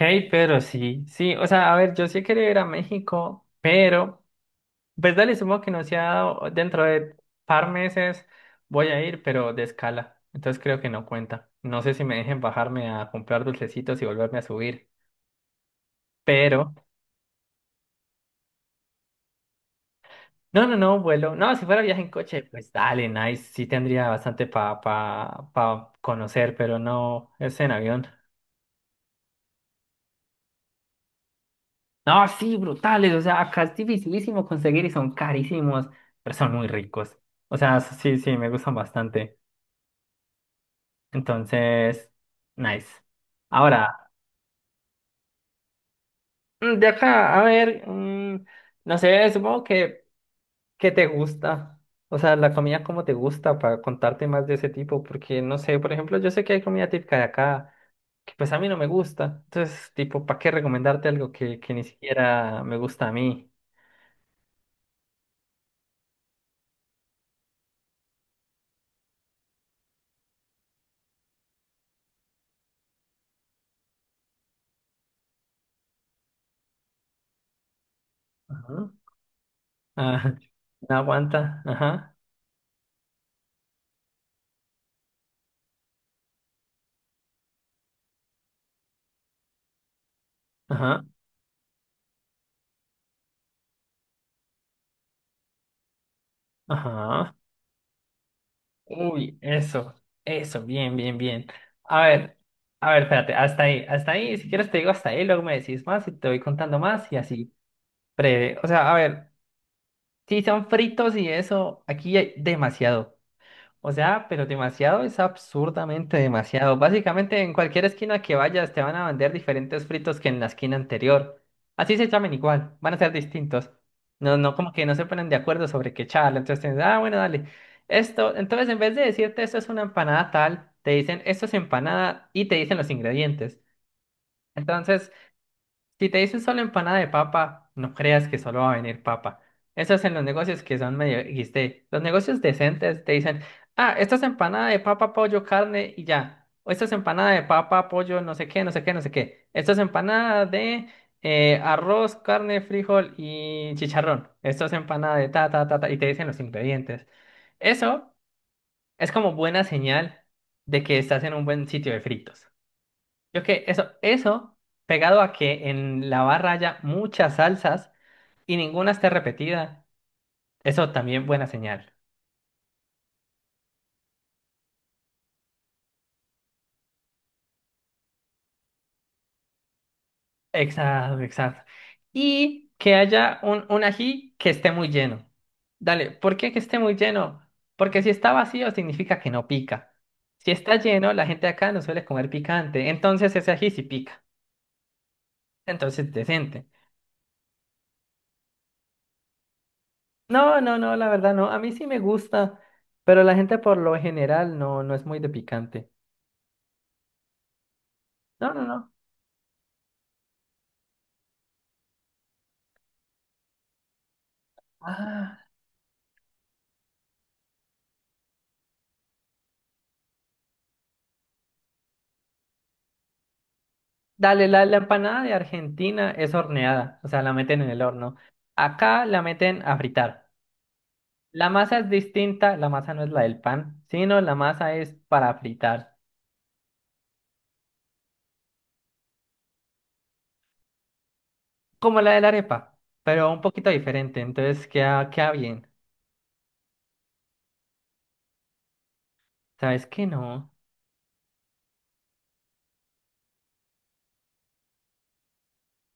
Hey, pero sí, sí, o sea, a ver, yo sí quería ir a México, pero, pues dale, supongo que no se ha dado, dentro de par meses voy a ir, pero de escala, entonces creo que no cuenta. No sé si me dejen bajarme a comprar dulcecitos y volverme a subir, pero, no, no, no, vuelo, no, si fuera viaje en coche, pues dale, nice, sí tendría bastante para pa conocer, pero no, es en avión. No, sí, brutales. O sea, acá es dificilísimo conseguir y son carísimos, pero son muy ricos. O sea, sí, sí, me gustan bastante. Entonces, nice. Ahora, de acá, a ver, no sé, supongo que te gusta. O sea, la comida como te gusta para contarte más de ese tipo, porque no sé, por ejemplo, yo sé que hay comida típica de acá que pues a mí no me gusta. Entonces, tipo, ¿para qué recomendarte algo que ni siquiera me gusta a mí? Ajá. Ah, aguanta. Ajá, ajá, ajá. Uy, eso, bien, bien, bien. A ver, a ver, espérate, hasta ahí, si quieres te digo hasta ahí, luego me decís más y te voy contando más y así, breve. O sea, a ver, si son fritos y eso, aquí hay demasiado. O sea, pero demasiado es absurdamente demasiado. Básicamente en cualquier esquina que vayas te van a vender diferentes fritos que en la esquina anterior. Así se llamen igual, van a ser distintos. No, no, como que no se ponen de acuerdo sobre qué charla. Entonces tienes, ah, bueno, dale. Esto, entonces en vez de decirte esto es una empanada tal, te dicen esto es empanada y te dicen los ingredientes. Entonces si te dicen solo empanada de papa, no creas que solo va a venir papa. Eso es en los negocios que son medio XD. Los negocios decentes te dicen, ah, esta es empanada de papa, pollo, carne y ya. O esta es empanada de papa, pollo, no sé qué, no sé qué, no sé qué. Esta es empanada de arroz, carne, frijol y chicharrón. Esto es empanada de ta, ta, ta, ta. Y te dicen los ingredientes. Eso es como buena señal de que estás en un buen sitio de fritos. Yo que eso, pegado a que en la barra haya muchas salsas y ninguna esté repetida, eso también buena señal. Exacto, exacto. Y que haya un ají que esté muy lleno. Dale, ¿por qué que esté muy lleno? Porque si está vacío significa que no pica. Si está lleno, la gente de acá no suele comer picante, entonces ese ají sí pica. Entonces, decente. No, no, no, la verdad no. A mí sí me gusta, pero la gente por lo general no, no es muy de picante. No, no, no. Ah, dale, la empanada de Argentina es horneada, o sea, la meten en el horno. Acá la meten a fritar. La masa es distinta, la masa no es la del pan, sino la masa es para fritar, como la de la arepa, pero un poquito diferente, entonces queda, queda bien. ¿Sabes qué no?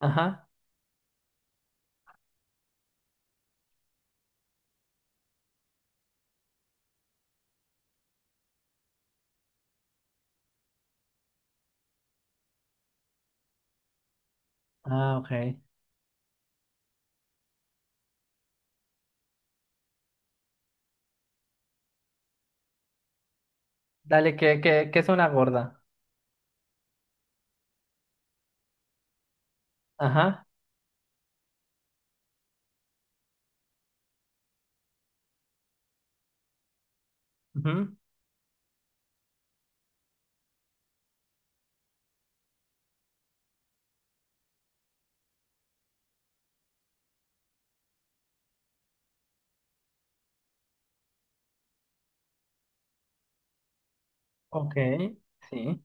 Ajá. Ah, ok. Dale, que es una gorda. Ajá. Ujú. Ok. Sí.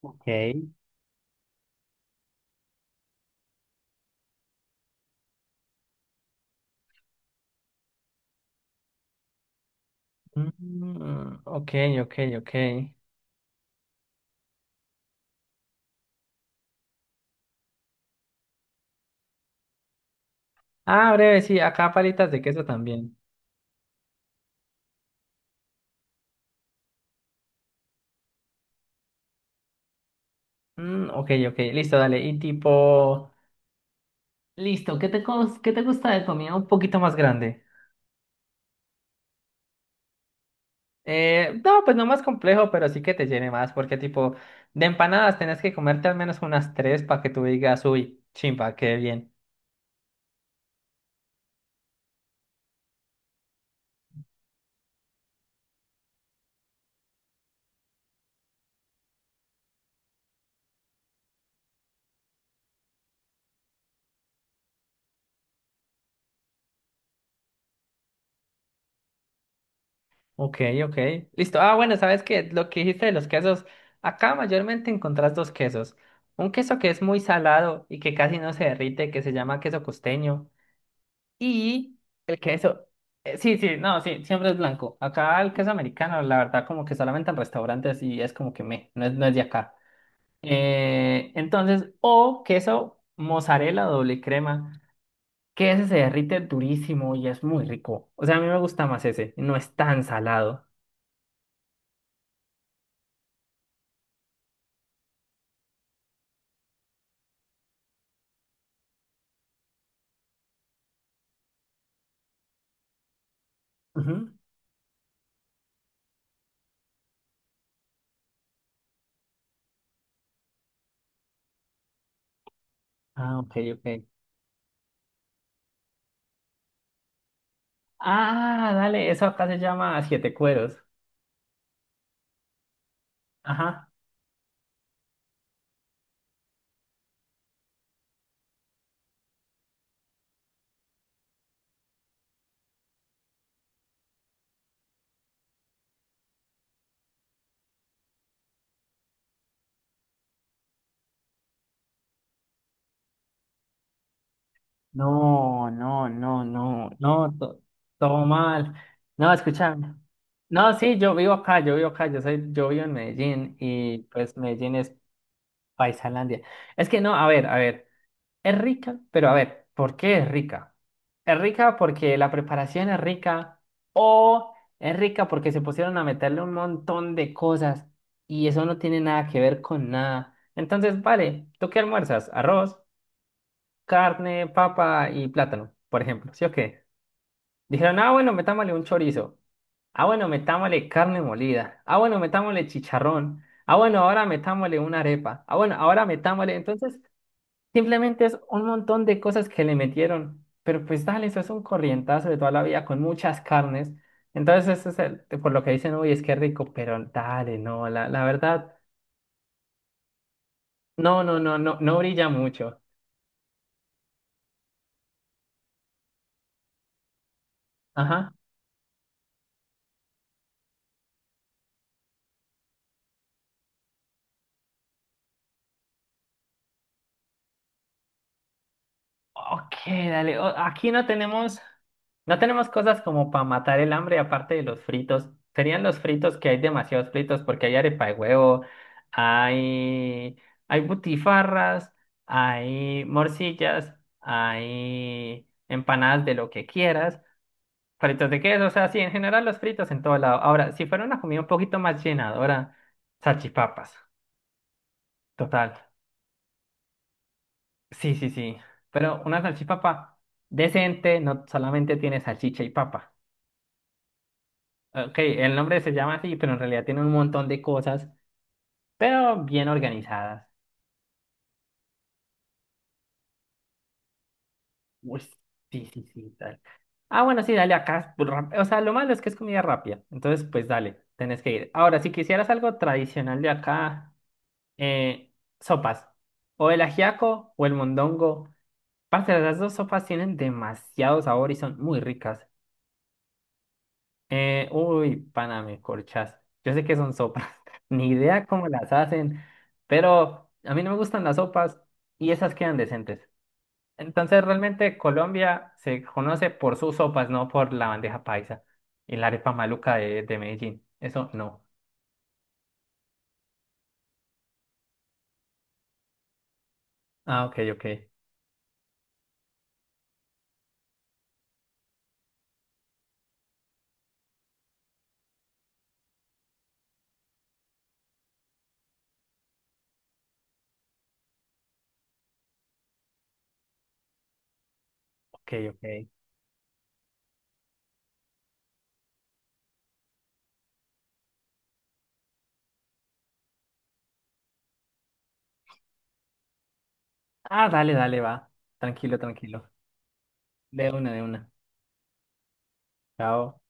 Ok. Mm, ok, ok, ok. Ah, breve, sí, acá palitas de queso también. Mm, ok, ok, listo, dale. Y tipo, listo, ¿qué te, cos- qué te gusta de comida un poquito más grande? No, pues no más complejo, pero sí que te llene más, porque tipo, de empanadas tenés que comerte al menos unas tres para que tú digas, uy, chimpa, qué bien. Ok, ok, listo. Ah, bueno, ¿sabes qué? Lo que dijiste de los quesos, acá mayormente encontrás dos quesos. Un queso que es muy salado y que casi no se derrite, que se llama queso costeño. Y el queso, sí, sí, no, sí, siempre es blanco. Acá el queso americano, la verdad, como que solamente en restaurantes y es como que me, no es, no es de acá. Entonces, o queso mozzarella doble crema, que ese se derrite durísimo y es muy rico. O sea, a mí me gusta más ese, no es tan salado. Ujú. Ah, ok, ok. Ah, dale, eso acá se llama siete cueros. Ajá. No, no, no, no, no, to- todo mal. No, escúchame. No, sí, yo vivo acá, yo vivo acá, yo soy, yo vivo en Medellín y pues Medellín es paisalandia. Es que no, a ver, es rica, pero a ver, ¿por qué es rica? Es rica porque la preparación es rica o es rica porque se pusieron a meterle un montón de cosas y eso no tiene nada que ver con nada. Entonces, vale, ¿tú qué almuerzas? Arroz carne, papa y plátano, por ejemplo, ¿sí o qué? Dijeron, ah, bueno, metámosle un chorizo. Ah, bueno, metámosle carne molida. Ah, bueno, metámosle chicharrón. Ah, bueno, ahora metámosle una arepa. Ah, bueno, ahora metámosle. Entonces, simplemente es un montón de cosas que le metieron. Pero pues dale, eso es un corrientazo de toda la vida con muchas carnes. Entonces, eso es el- por lo que dicen, uy, es que rico, pero dale, no, la verdad, no, no, no, no, no brilla mucho. Ajá. Ok, dale. O- Aquí no tenemos, no tenemos cosas como para matar el hambre, aparte de los fritos. Serían los fritos que hay demasiados fritos porque hay arepa de huevo, hay, hay butifarras, hay morcillas, hay empanadas de lo que quieras, fritos de queso, o sea, sí, en general los fritos en todo lado. Ahora, si fuera una comida un poquito más llenadora, salchipapas, total. Sí, sí, sí. Pero una salchipapa decente no solamente tiene salchicha y papa. Ok, el nombre se llama así, pero en realidad tiene un montón de cosas, pero bien organizadas. Uy, sí, sí, sí, dale. Ah, bueno, sí, dale acá. Pues, rap- o sea, lo malo es que es comida rápida. Entonces, pues dale, tenés que ir. Ahora, si quisieras algo tradicional de acá, eh, sopas. O el ajiaco o el mondongo. Parce, las dos sopas tienen demasiado sabor y son muy ricas. Uy, pana, me corchas. Yo sé que son sopas. Ni idea cómo las hacen, pero a mí no me gustan las sopas y esas quedan decentes. Entonces, realmente Colombia se conoce por sus sopas, no por la bandeja paisa y la arepa maluca de Medellín. Eso no. Ah, ok, ok. Ok, ok. Ah, dale, dale, va. Tranquilo, tranquilo. De una, de una. Chao.